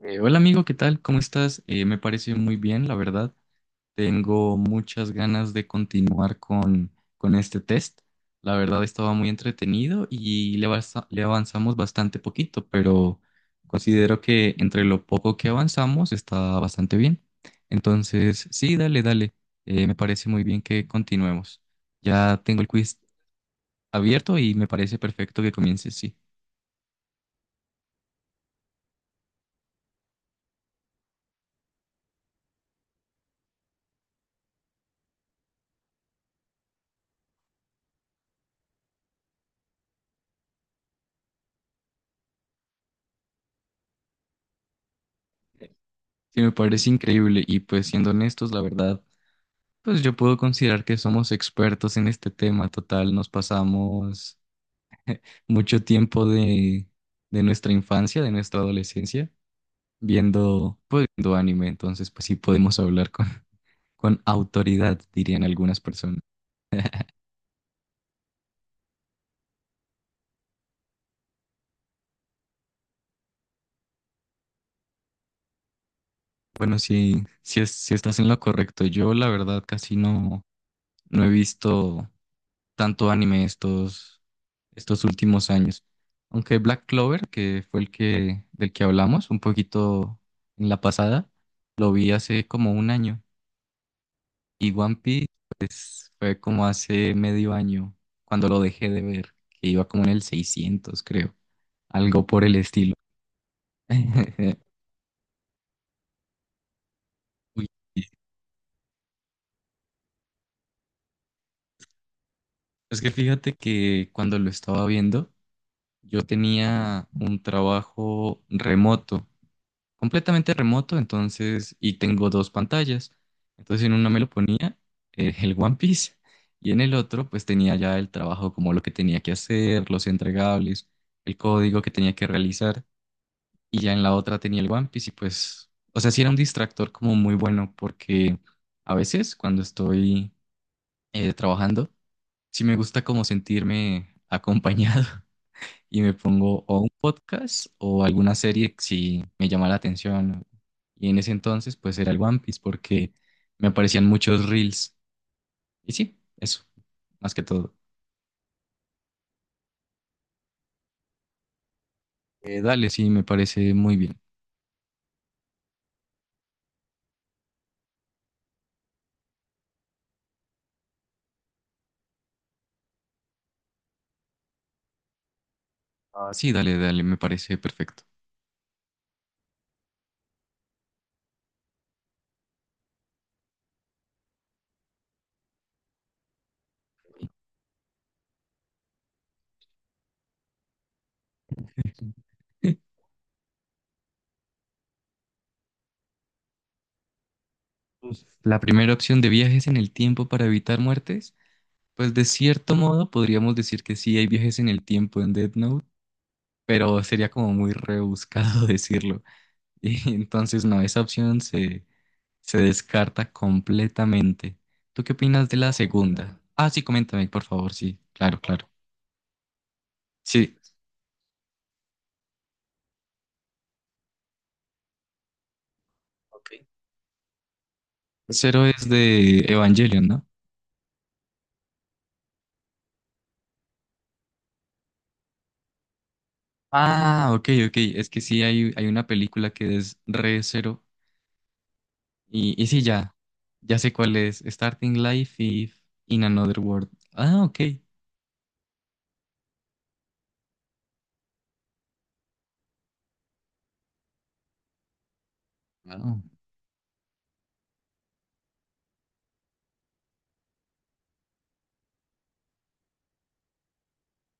Hola amigo, ¿qué tal? ¿Cómo estás? Me parece muy bien, la verdad. Tengo muchas ganas de continuar con este test. La verdad estaba muy entretenido y le avanzamos bastante poquito, pero considero que entre lo poco que avanzamos está bastante bien. Entonces, sí, dale, dale. Me parece muy bien que continuemos. Ya tengo el quiz abierto y me parece perfecto que comiences, sí. Sí, me parece increíble y pues siendo honestos, la verdad. Pues yo puedo considerar que somos expertos en este tema total. Nos pasamos mucho tiempo de nuestra infancia, de nuestra adolescencia, viendo, pues, viendo anime. Entonces, pues sí podemos hablar con con autoridad, dirían algunas personas. Bueno, sí, sí, sí estás en lo correcto. Yo, la verdad, casi no, no he visto tanto anime estos últimos años. Aunque Black Clover, que fue del que hablamos un poquito en la pasada, lo vi hace como un año. Y One Piece, pues, fue como hace medio año, cuando lo dejé de ver, que iba como en el 600, creo. Algo por el estilo. Uy, sí. Es que fíjate que cuando lo estaba viendo, yo tenía un trabajo remoto completamente remoto, entonces, y tengo dos pantallas. Entonces, en una me lo ponía el One Piece, y en el otro, pues tenía ya el trabajo como lo que tenía que hacer, los entregables, el código que tenía que realizar. Y ya en la otra tenía el One Piece y pues, o sea, sí era un distractor como muy bueno porque a veces cuando estoy trabajando, sí me gusta como sentirme acompañado. Y me pongo o un podcast o alguna serie si me llama la atención. Y en ese entonces pues era el One Piece porque me aparecían muchos reels. Y sí, eso, más que todo. Dale, sí, me parece muy bien. Ah, sí, dale, dale, me parece perfecto. Uf, la primera opción de viajes en el tiempo para evitar muertes, pues de cierto modo podríamos decir que sí hay viajes en el tiempo en Death Note, pero sería como muy rebuscado decirlo. Y entonces no, esa se descarta completamente. ¿Tú qué opinas de la segunda? Ah, sí, coméntame, por favor. Sí, claro, claro. Sí, ok. Cero es de Evangelion, ¿no? Ah, ok, ok. Es que sí, hay una película que es re Cero. Y sí, ya. Ya sé cuál es. Starting Life y In Another World. Ah, ok. Wow.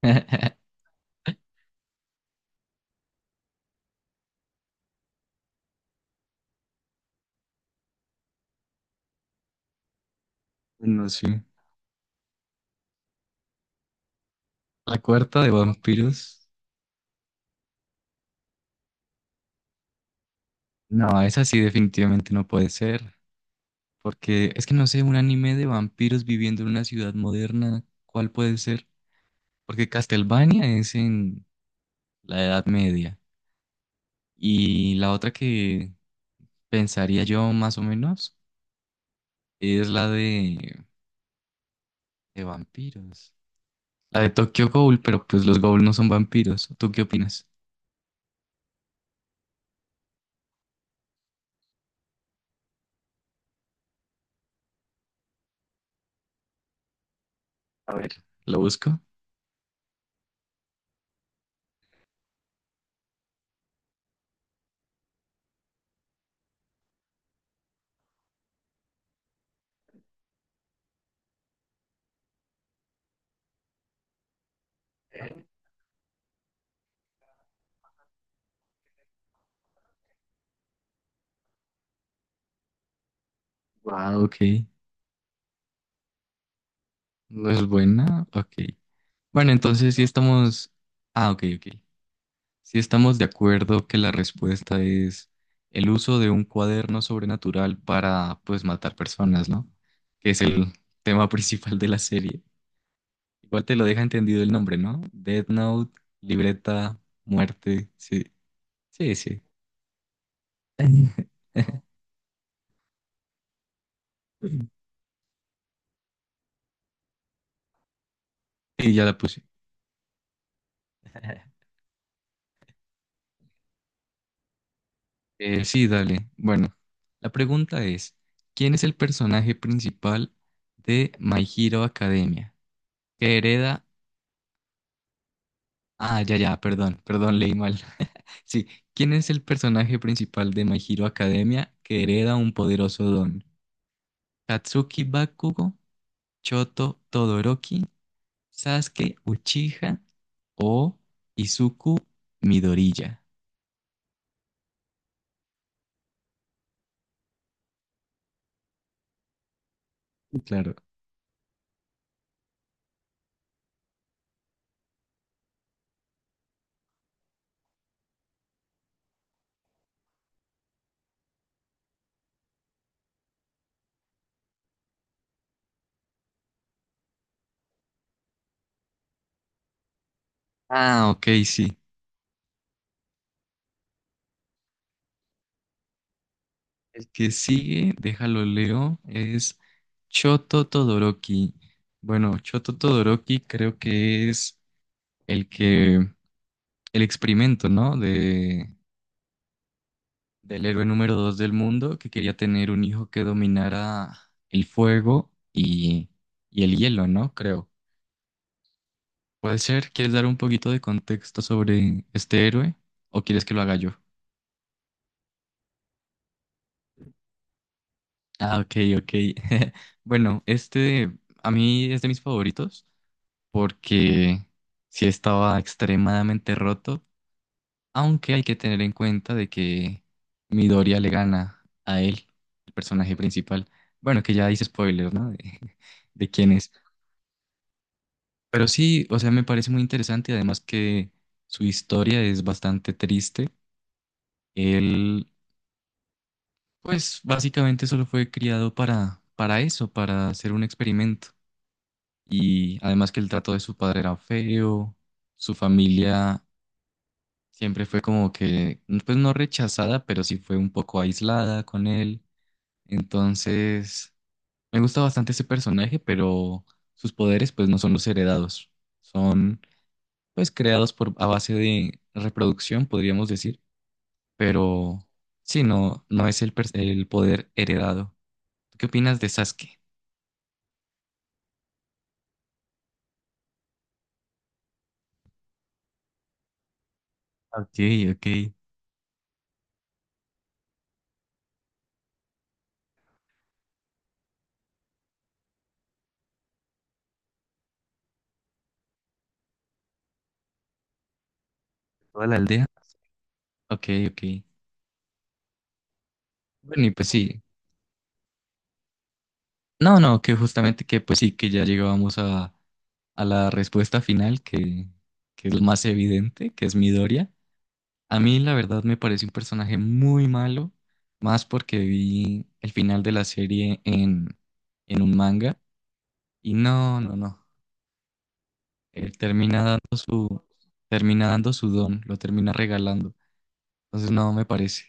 No sé. La cuarta de vampiros. No, esa sí definitivamente no puede ser. Porque es que no sé, un anime de vampiros viviendo en una ciudad moderna, ¿cuál puede ser? Porque Castlevania es en la Edad Media. Y la otra que pensaría yo más o menos es la de vampiros. La de Tokyo Ghoul, pero pues los Ghoul no son vampiros. ¿Tú qué opinas? A ver, ¿lo busco? Wow, ok. No es buena, ok. Bueno, entonces sí estamos... Ah, ok, ok. Si estamos de acuerdo que la respuesta es el uso de un cuaderno sobrenatural para, pues, matar personas, ¿no? Que es el tema principal de la serie. Igual te lo deja entendido el nombre, ¿no? Death Note, libreta, muerte, sí, sí, sí. Y ya la puse. Sí, dale. Bueno, la pregunta es, ¿quién es el personaje principal de My Hero Academia que hereda... Ah, ya, ya, perdón, perdón, leí mal. Sí, ¿quién es el personaje principal de My Hero Academia que hereda un poderoso don? ¿Katsuki Bakugo, Choto Todoroki, Sasuke Uchiha o Izuku Midoriya? Sí, claro. Ah, ok, sí. El que sigue, déjalo leo, es Choto Todoroki. Bueno, Choto Todoroki creo que es el que, el experimento, ¿no? De del héroe número dos del mundo que quería tener un hijo que dominara el fuego y el hielo, ¿no? Creo. ¿Puede ser? ¿Quieres dar un poquito de contexto sobre este héroe o quieres que lo haga yo? Ah, ok, ok. Bueno, este a mí es de mis favoritos porque sí estaba extremadamente roto, aunque hay que tener en cuenta de que Midoriya le gana a él, el personaje principal. Bueno, que ya hice spoilers, ¿no? De, de quién es. Pero sí, o sea, me parece muy interesante, además que su historia es bastante triste. Él, pues básicamente solo fue criado para eso, para hacer un experimento. Y además que el trato de su padre era feo, su familia siempre fue como que, pues no rechazada, pero sí fue un poco aislada con él. Entonces, me gusta bastante ese personaje, pero sus poderes pues no son los heredados, son pues creados por a base de reproducción, podríamos decir, pero sí, no, no es el poder heredado. ¿Tú qué opinas de Sasuke? Ok, ok. ¿Toda la aldea? Ok, ok. Bueno, y pues sí. No, no, que justamente que pues sí, que ya llegábamos a la respuesta final, que es lo más evidente, que es Midoriya. A mí la verdad me parece un personaje muy malo, más porque vi el final de la serie en un manga. Y no, no, no. Él termina termina dando su don, lo termina regalando. Entonces, no, me parece.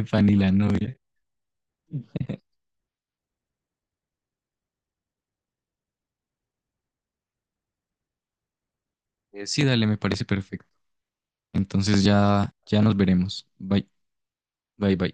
Epa, ni la novia. Sí, dale, me parece perfecto. Entonces ya, ya nos veremos. Bye, bye, bye.